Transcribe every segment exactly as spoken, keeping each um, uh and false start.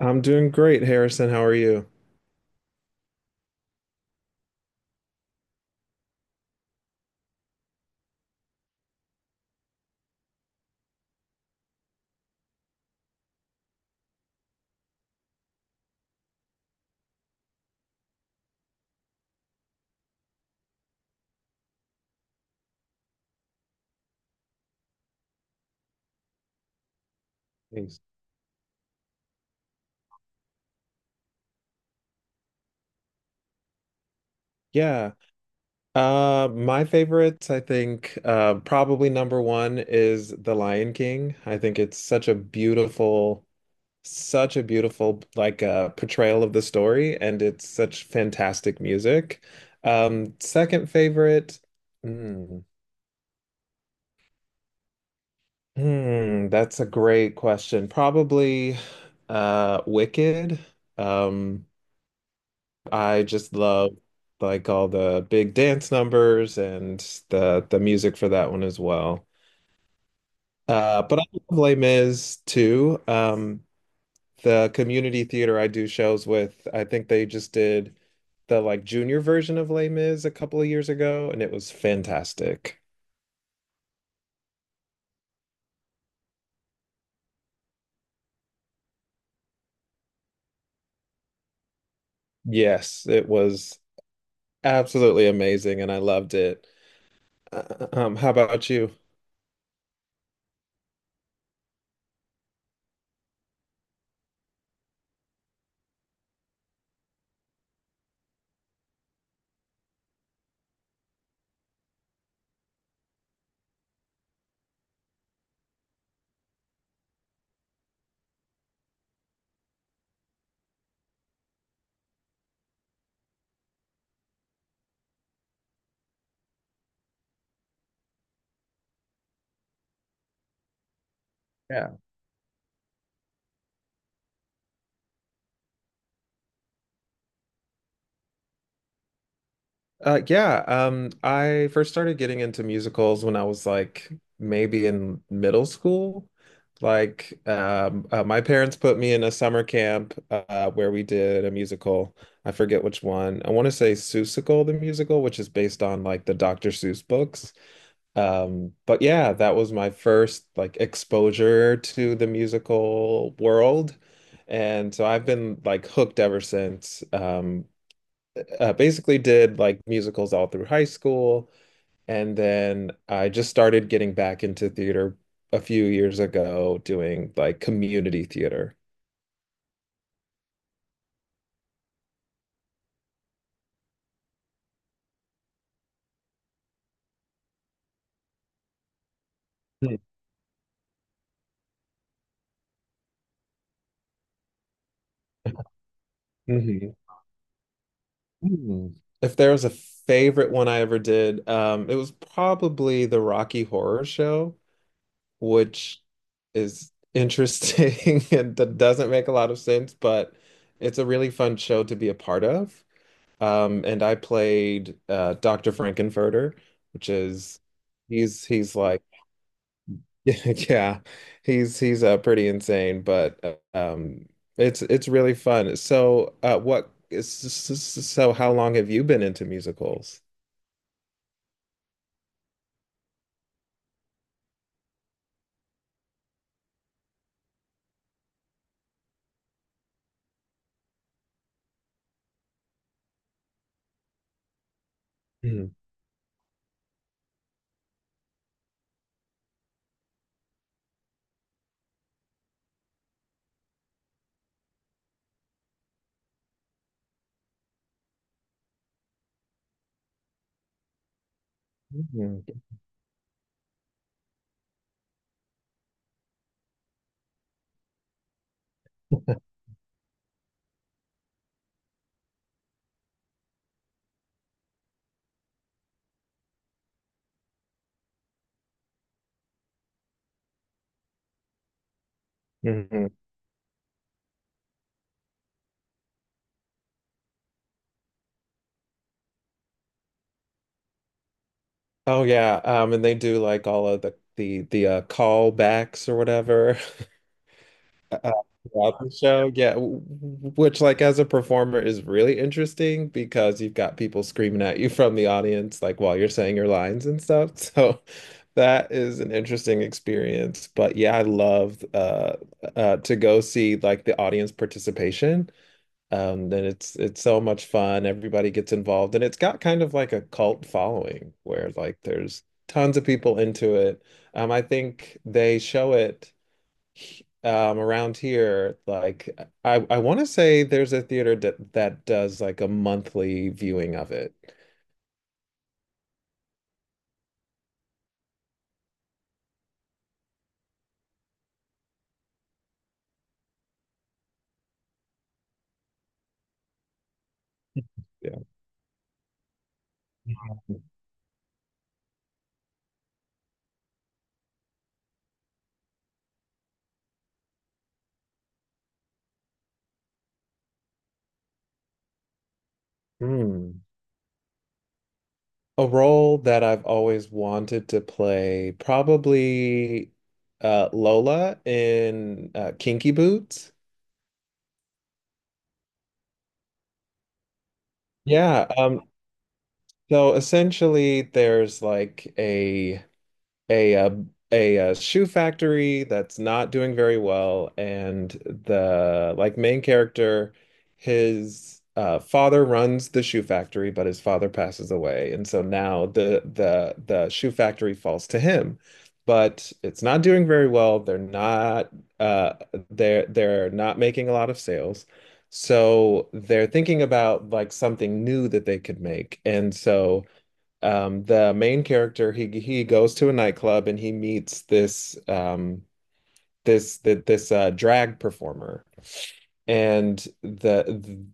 I'm doing great, Harrison. How are you? Thanks. Yeah. Uh, my favorites, I think, uh, probably number one is The Lion King. I think it's such a beautiful, such a beautiful like uh, portrayal of the story, and it's such fantastic music. Um, second favorite, hmm, hmm, that's a great question. Probably, uh, Wicked. Um, I just love like all the big dance numbers and the the music for that one as well. Uh, but I love Les Mis too. Um, the community theater I do shows with, I think they just did the like junior version of Les Mis a couple of years ago, and it was fantastic. Yes, it was absolutely amazing, and I loved it. Uh, Um, how about you? Yeah. Uh, yeah, um, I first started getting into musicals when I was like maybe in middle school. Like, um, uh, my parents put me in a summer camp uh, where we did a musical. I forget which one. I want to say Seussical, the musical, which is based on like the doctor Seuss books. Um, but yeah, that was my first like exposure to the musical world. And so I've been like hooked ever since. Um, uh, basically did like musicals all through high school. And then I just started getting back into theater a few years ago, doing like community theater. Hmm. Hmm. If there was a favorite one I ever did, um, it was probably the Rocky Horror Show, which is interesting and that doesn't make a lot of sense, but it's a really fun show to be a part of. Um, and I played uh, doctor Frankenfurter, which is he's he's like yeah, he's he's uh, pretty insane, but uh, um, it's it's really fun. So uh, what is so how long have you been into musicals? Mhm. Mhm. Oh yeah, um, and they do like all of the the the uh, callbacks or whatever. uh, Throughout the show. Yeah, w- w- which like as a performer is really interesting because you've got people screaming at you from the audience like while you're saying your lines and stuff. So that is an interesting experience. But yeah, I love uh, uh, to go see like the audience participation. Um, then it's it's so much fun. Everybody gets involved, and it's got kind of like a cult following where like there's tons of people into it. Um, I think they show it um around here like I I want to say there's a theater that that does like a monthly viewing of it. Yeah. Hmm. A role that I've always wanted to play, probably uh, Lola in uh, Kinky Boots. Yeah. Um, so essentially, there's like a a uh, a uh, shoe factory that's not doing very well, and the like main character, his uh, father runs the shoe factory, but his father passes away, and so now the the the shoe factory falls to him, but it's not doing very well. They're not uh, they're they're not making a lot of sales. So they're thinking about like something new that they could make. And so um the main character, he he goes to a nightclub and he meets this um this th- this uh drag performer and the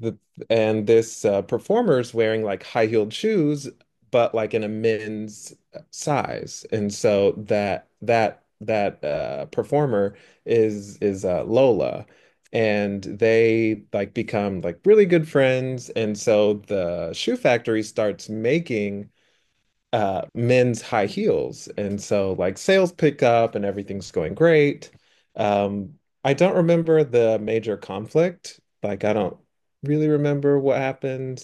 the and this uh performer's wearing like high-heeled shoes but like in a men's size, and so that that that uh performer is is uh Lola, and they like become like really good friends. And so the shoe factory starts making uh men's high heels, and so like sales pick up and everything's going great. um I don't remember the major conflict. Like I don't really remember what happened.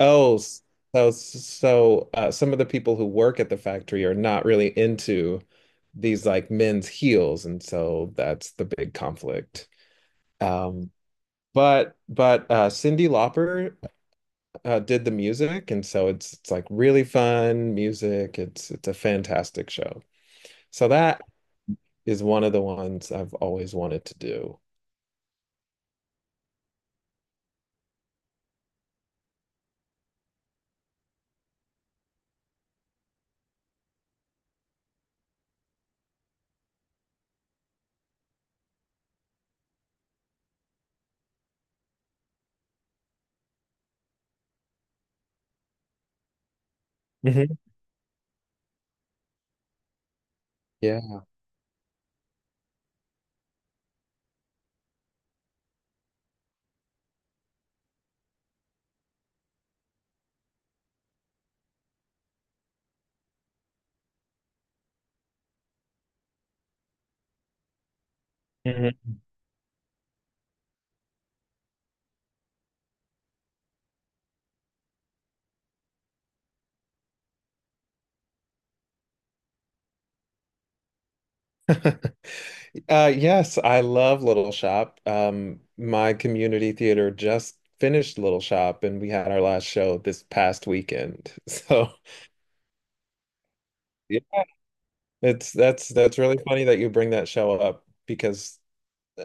oh s- so so uh, some of the people who work at the factory are not really into these like men's heels, and so that's the big conflict. um but but uh Cyndi Lauper uh, did the music, and so it's it's like really fun music. It's it's a fantastic show. So that is one of the ones I've always wanted to do. Hmm. Yeah. Mm-hmm. Uh, yes, I love Little Shop. Um, my community theater just finished Little Shop, and we had our last show this past weekend. So yeah, it's that's that's really funny that you bring that show up because Uh,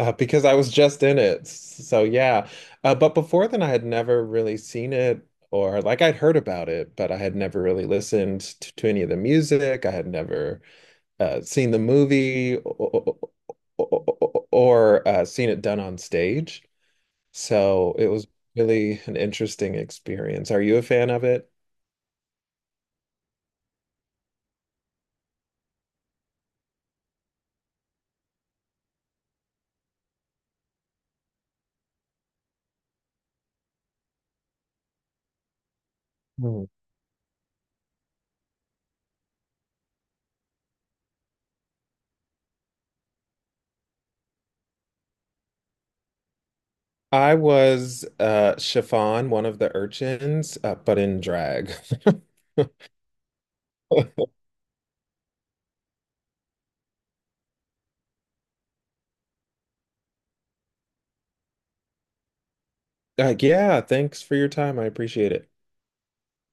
uh, because I was just in it. So yeah. Uh, but before then, I had never really seen it or like I'd heard about it, but I had never really listened to, to any of the music. I had never uh, seen the movie or, or uh, seen it done on stage. So it was really an interesting experience. Are you a fan of it? Hmm. I was uh Chiffon, one of the urchins, uh, but in drag. Like, yeah, thanks for your time. I appreciate it.